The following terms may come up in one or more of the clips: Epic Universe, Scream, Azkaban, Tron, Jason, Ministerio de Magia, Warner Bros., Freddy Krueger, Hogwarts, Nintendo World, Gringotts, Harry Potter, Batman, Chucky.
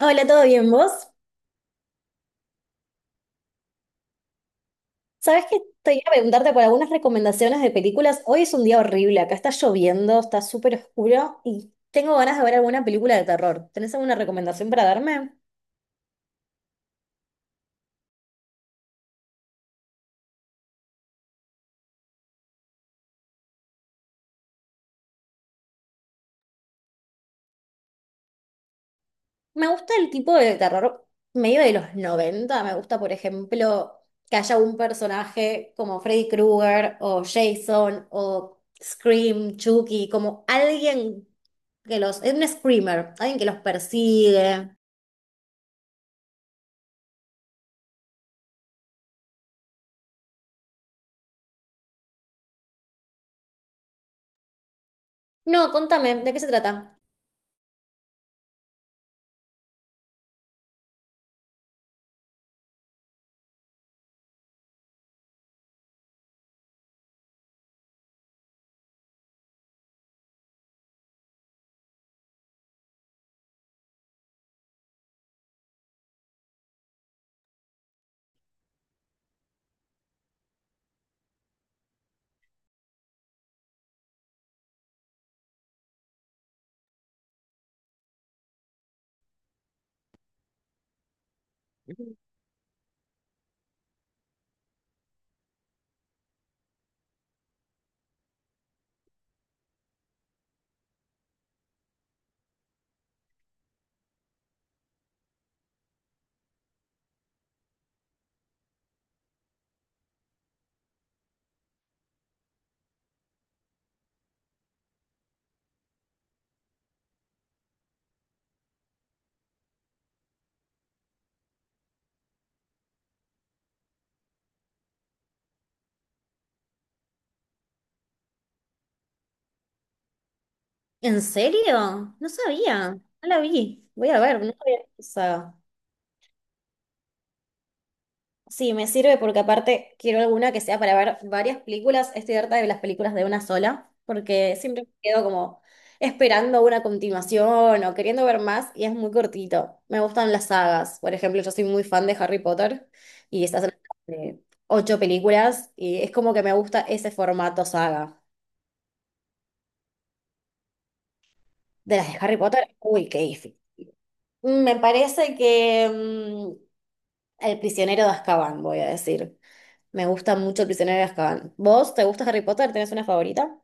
Hola, ¿todo bien vos? ¿Sabés que te iba a preguntarte por algunas recomendaciones de películas? Hoy es un día horrible, acá está lloviendo, está súper oscuro y tengo ganas de ver alguna película de terror. ¿Tenés alguna recomendación para darme? Me gusta el tipo de terror medio de los 90. Me gusta, por ejemplo, que haya un personaje como Freddy Krueger o Jason o Scream, Chucky, como alguien Es un screamer, alguien que los persigue. No, contame, ¿de qué se trata? ¿En serio? No sabía, no la vi. Voy a ver, no sabía que sí, me sirve porque aparte quiero alguna que sea para ver varias películas. Estoy harta de las películas de una sola, porque siempre me quedo como esperando una continuación o queriendo ver más y es muy cortito. Me gustan las sagas. Por ejemplo, yo soy muy fan de Harry Potter y estas son de ocho películas y es como que me gusta ese formato saga. De las de Harry Potter, uy, qué difícil. Mm. Me parece que El prisionero de Azkaban, voy a decir. Me gusta mucho el prisionero de Azkaban. ¿Vos te gusta Harry Potter? ¿Tenés una favorita?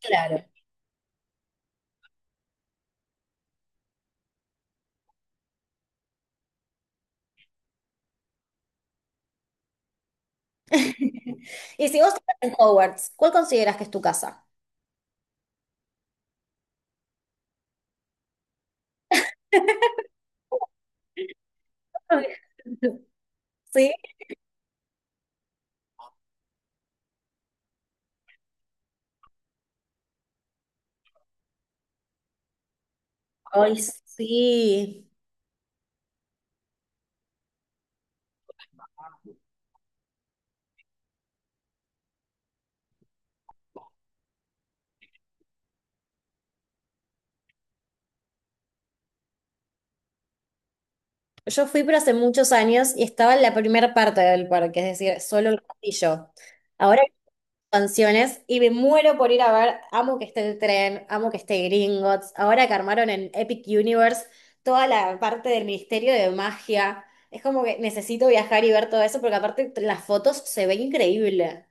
Claro. Y si vos estás en Hogwarts, ¿cuál consideras que es tu casa? Ay. Sí. Ay, sí. Yo fui, pero hace muchos años y estaba en la primera parte del parque, es decir, solo el castillo. Ahora canciones y me muero por ir a ver, amo que esté el tren, amo que esté Gringotts, ahora que armaron en Epic Universe toda la parte del Ministerio de Magia, es como que necesito viajar y ver todo eso porque aparte las fotos se ven increíble.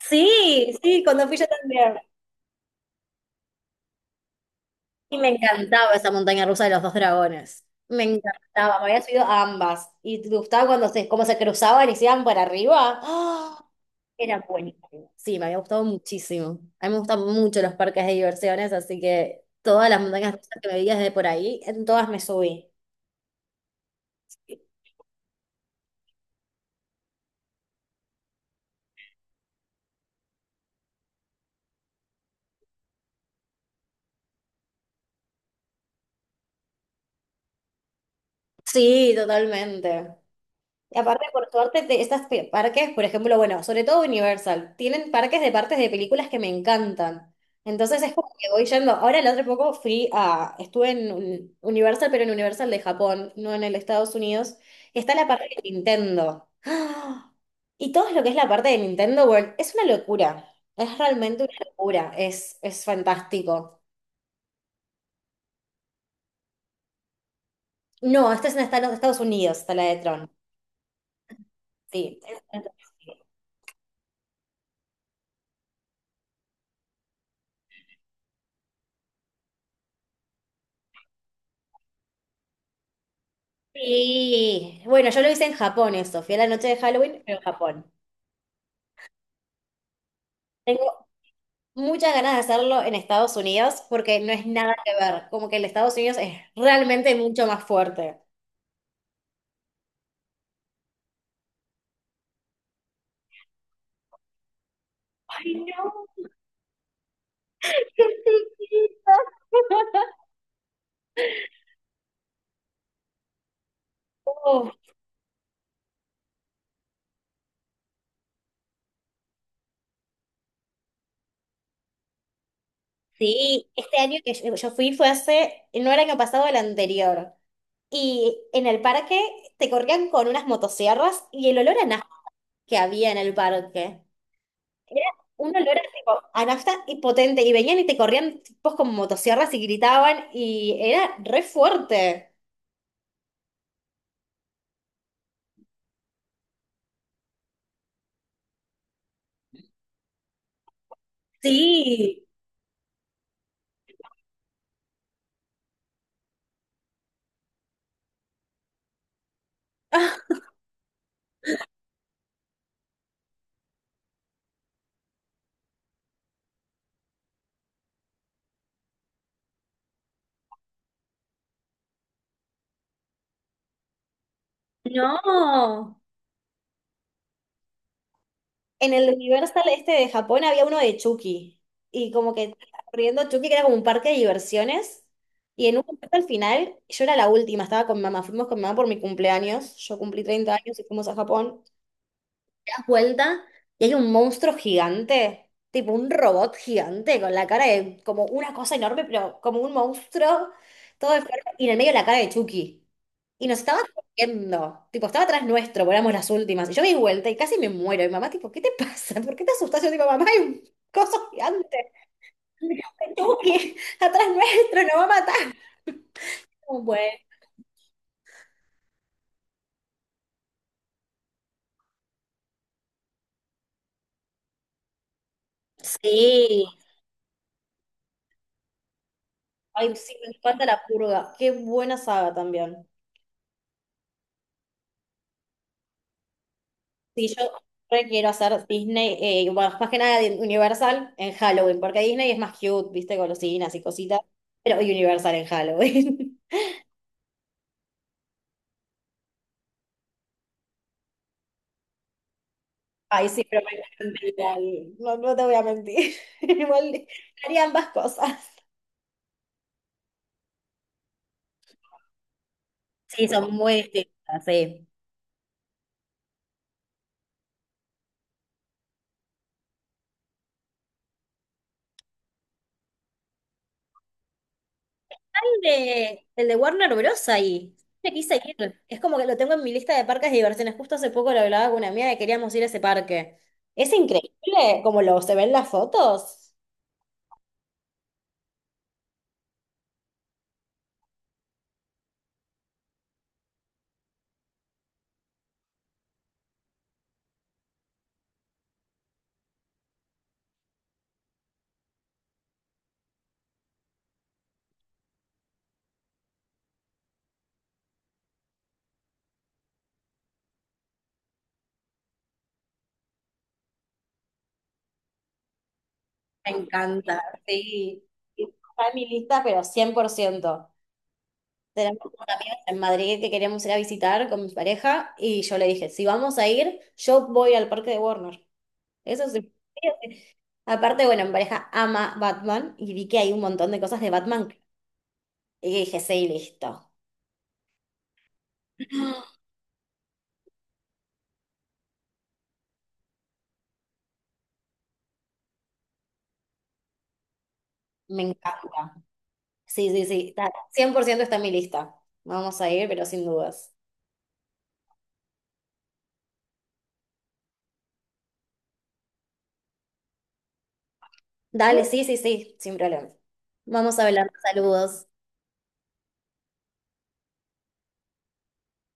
Sí, sí, cuando fui yo también. Y me encantaba esa montaña rusa de los dos dragones. Me encantaba, me había subido a ambas. Y te gustaba cuando cómo se cruzaban y se iban para arriba. ¡Ah! Era buenísimo. Sí, me había gustado muchísimo. A mí me gustan mucho los parques de diversiones, así que todas las montañas rusas que me vi desde por ahí, en todas me subí. Sí, totalmente. Y aparte, por suerte, de estas parques, por ejemplo, bueno, sobre todo Universal, tienen parques de partes de películas que me encantan. Entonces es como que voy yendo. Ahora el otro poco fui a, estuve en Universal, pero en Universal de Japón, no en el Estados Unidos. Y está la parte de Nintendo. ¡Ah! Y todo lo que es la parte de Nintendo World es una locura. Es realmente una locura. Es fantástico. No, esta es en Estados Unidos, está la de Tron. Sí. Sí, bueno, yo lo hice en Japón eso, fui a la noche de Halloween, pero en Japón. Tengo muchas ganas de hacerlo en Estados Unidos porque no es nada que ver, como que el Estados Unidos es realmente mucho más fuerte. Ay, no, qué chiquita. Oh, sí, este año que yo fui fue hace, no era el año pasado, el anterior. Y en el parque te corrían con unas motosierras y el olor a nafta que había en el parque. Era un olor a, tipo, a nafta y potente, y venían y te corrían tipos con motosierras y gritaban, y era re fuerte. Sí. Ah, no. En el Universal este de Japón había uno de Chucky, y como que estaba corriendo Chucky, que era como un parque de diversiones, y en un momento al final, yo era la última, estaba con mamá, fuimos con mamá por mi cumpleaños, yo cumplí 30 años y fuimos a Japón, vuelta y hay un monstruo gigante, tipo un robot gigante con la cara de como una cosa enorme, pero como un monstruo, todo enfermo, y en el medio la cara de Chucky. Y nos estaba corriendo, tipo, estaba atrás nuestro, porque éramos las últimas. Y yo me di vuelta y casi me muero. Y mi mamá, tipo, ¿qué te pasa? ¿Por qué te asustas? Yo, tipo, mamá, hay un coso gigante. Chucky, atrás nuestro, nos va a matar. Como, bueno. Sí. Ay, sí, me encanta la purga. Qué buena saga también. Sí, yo re quiero hacer Disney, bueno, más que nada de Universal en Halloween, porque Disney es más cute, viste, golosinas y cositas, pero Universal en Halloween. Ay, sí, pero me encanta. No, no te voy a mentir. Igual haría ambas cosas. Sí, son muy distintas, sí. El de Warner Bros. Ahí. Me quise ir. Es como que lo tengo en mi lista de parques de diversiones. Justo hace poco lo hablaba con una amiga que queríamos ir a ese parque. Es increíble como lo se ven las fotos. Me encanta, sí. Está en mi lista, pero 100%. Tenemos unos amigos en Madrid que queríamos ir a visitar con mi pareja y yo le dije, si vamos a ir, yo voy al parque de Warner. Eso sí. Aparte, bueno, mi pareja ama Batman y vi que hay un montón de cosas de Batman. Y dije, sí, listo. Me encanta. Sí, sí, sí. 100% está en mi lista. Vamos a ir, pero sin dudas. Dale, sí, sí, sí, sin problema. Vamos a hablar. Saludos.